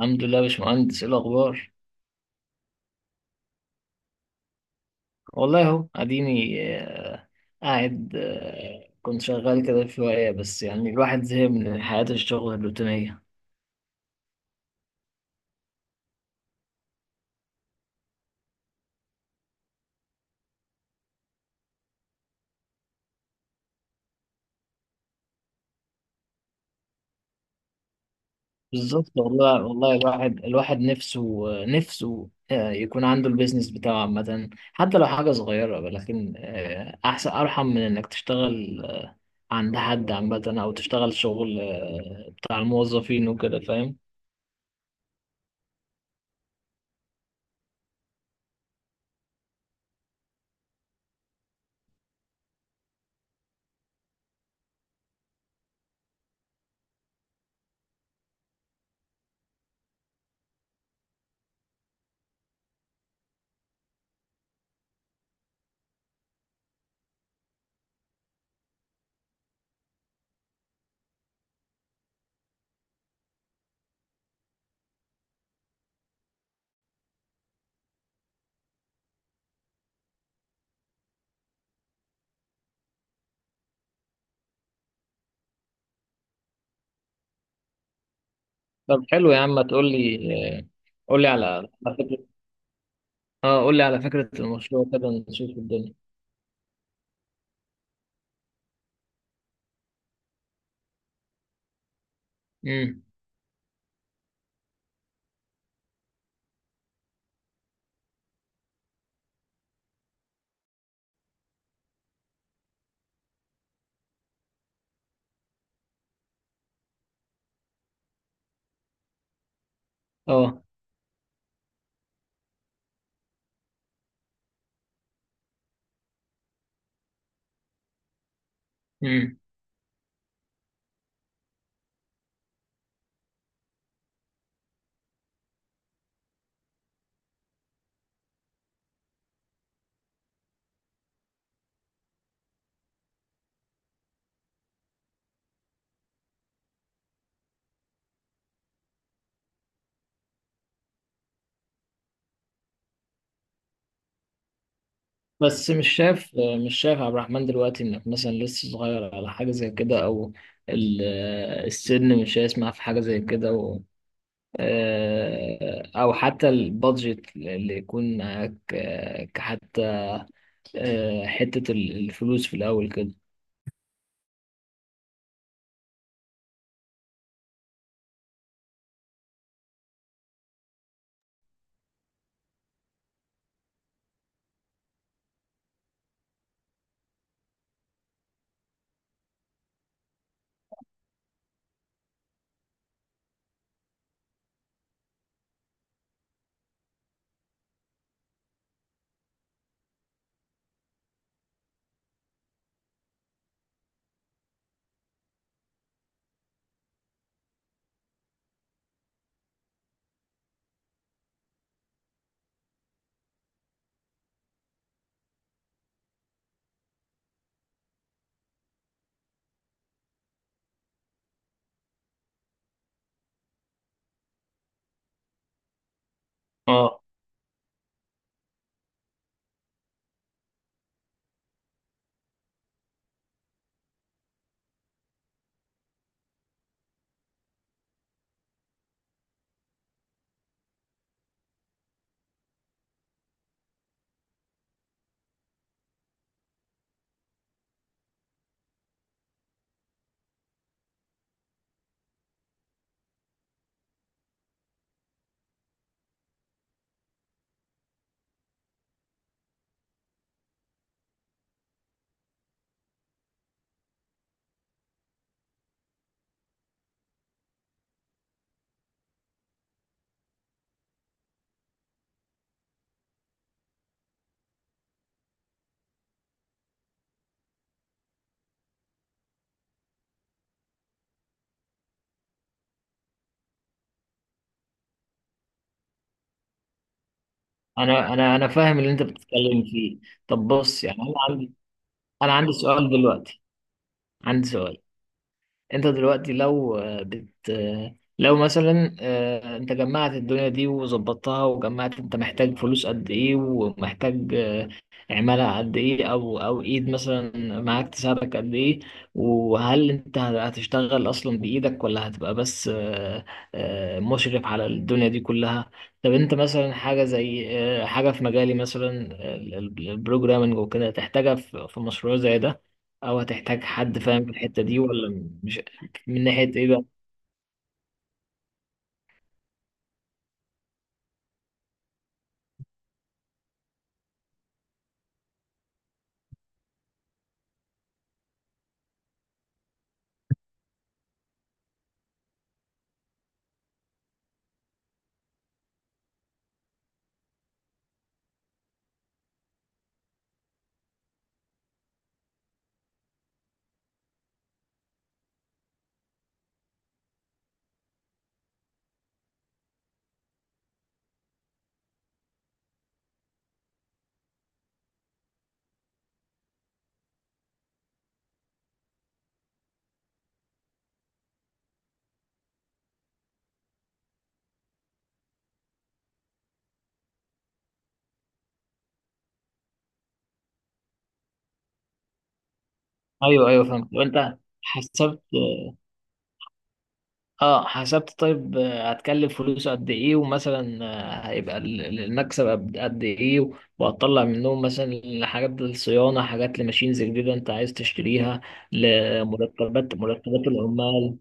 الحمد لله يا باشمهندس، ايه الاخبار؟ والله اهو اديني. قاعد. كنت شغال كده شويه، بس يعني الواحد زهق من حياه الشغل الروتينيه. بالظبط والله. والله الواحد نفسه، يكون عنده البيزنس بتاعه عامه، حتى لو حاجه صغيره، لكن احسن، ارحم من انك تشتغل عند حد عامه، او تشتغل شغل بتاع الموظفين وكده، فاهم؟ طب حلو يا عم، ما تقول لي. آه، قول لي على. اه، قول لي على فكرة المشروع كده، نشوف الدنيا. امم. اه. امم. بس مش شايف. مش شايف عبد الرحمن دلوقتي انك مثلا لسه صغير على حاجة زي كده، او السن مش هيسمع في حاجة زي كده، و... آه، او حتى البادجت اللي يكون معاك، كحتى حتة الفلوس في الاول كده. اه، انا فاهم اللي انت بتتكلم فيه. طب بص، يعني انا عندي سؤال دلوقتي. عندي سؤال. انت دلوقتي لو مثلا انت جمعت الدنيا دي وظبطتها وجمعت، انت محتاج فلوس قد ايه، ومحتاج عمالة قد ايه، او ايد مثلا معاك تساعدك قد ايه. وهل انت هتشتغل اصلا بايدك، ولا هتبقى بس مشرف على الدنيا دي كلها؟ طب انت مثلا حاجة زي حاجة في مجالي مثلا، البروجرامنج وكده، تحتاجها في مشروع زي ده؟ او هتحتاج حد فاهم في الحتة دي ولا مش. من ناحية ايه بقى؟ ايوه ايوه، فهمت. وانت حسبت؟ اه، حسبت. طيب هتكلف فلوسه قد ايه؟ ومثلا هيبقى المكسب قد ايه؟ وهتطلع منهم مثلا حاجات للصيانة، حاجات لماشينز جديدة انت عايز تشتريها، لمرتبات، مرتبات العمال؟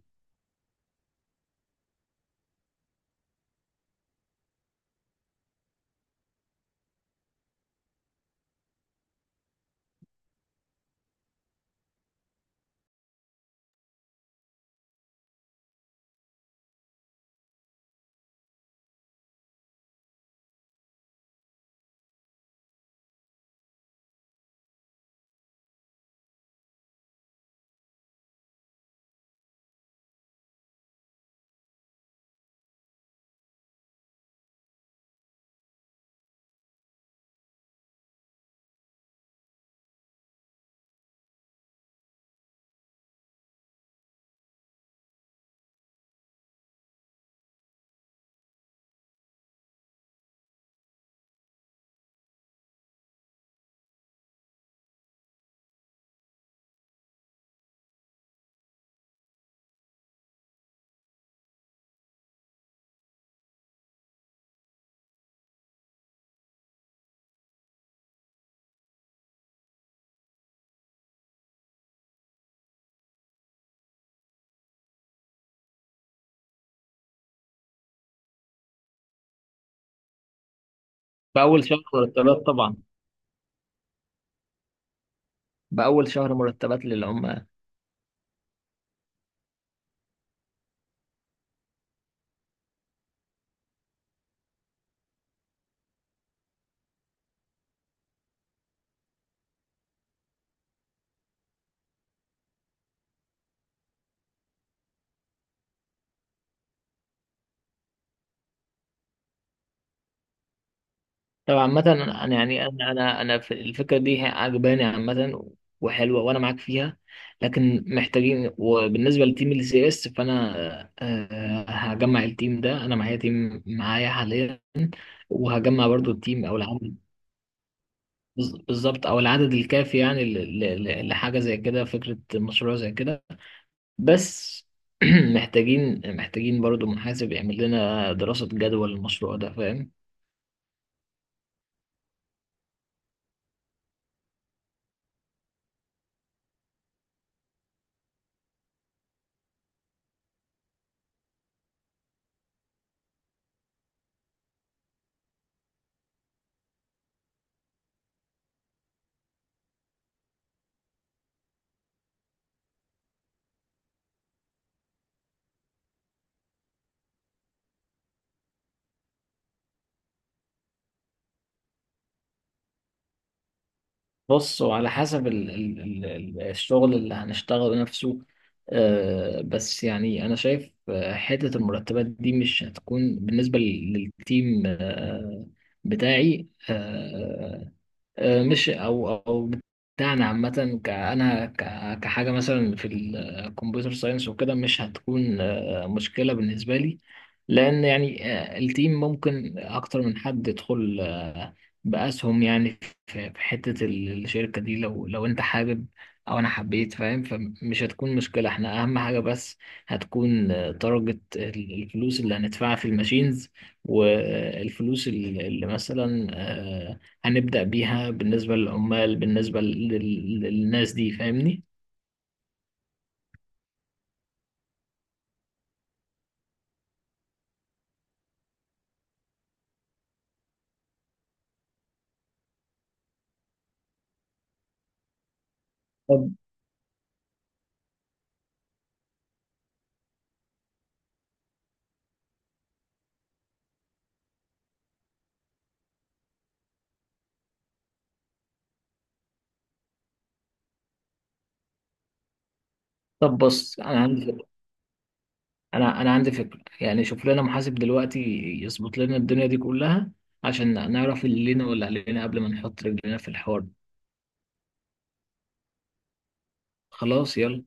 بأول شهر مرتبات طبعا. بأول شهر مرتبات للعمال. طب عامة، أنا أنا يعني أنا في الفكرة دي هي عجباني عامة، وحلوة، وأنا معاك فيها. لكن محتاجين، وبالنسبة لتيم ال سي اس، فأنا هجمع التيم ده. أنا معايا تيم، معايا حاليا، وهجمع برضو التيم أو العدد. بالظبط، أو العدد الكافي يعني لحاجة زي كده، فكرة مشروع زي كده. بس محتاجين محتاجين برضو محاسب يعمل لنا دراسة جدوى للمشروع ده، فاهم؟ بص، وعلى حسب الشغل اللي هنشتغله نفسه. آه، بس يعني أنا شايف حتة المرتبات دي مش هتكون بالنسبة للتيم آه بتاعي. آه آه، مش او او بتاعنا عامه، انا كحاجه مثلا في الكمبيوتر ساينس وكده، مش هتكون مشكله بالنسبه لي. لان يعني التيم ممكن اكتر من حد يدخل باسهم يعني في حته الشركه دي، لو انت حابب او انا حبيت، فاهم؟ فمش هتكون مشكله. احنا اهم حاجه بس هتكون درجه الفلوس اللي هندفعها في الماشينز، والفلوس اللي اللي مثلا هنبدأ بيها بالنسبة للعمال، بالنسبة للناس دي، فاهمني؟ طب طب بص، انا عندي فكرة. انا عندي فكرة يعني. شوف لنا محاسب دلوقتي يظبط لنا الدنيا دي كلها، عشان نعرف اللي لينا واللي علينا قبل ما نحط رجلنا في الحوار. خلاص، يلا.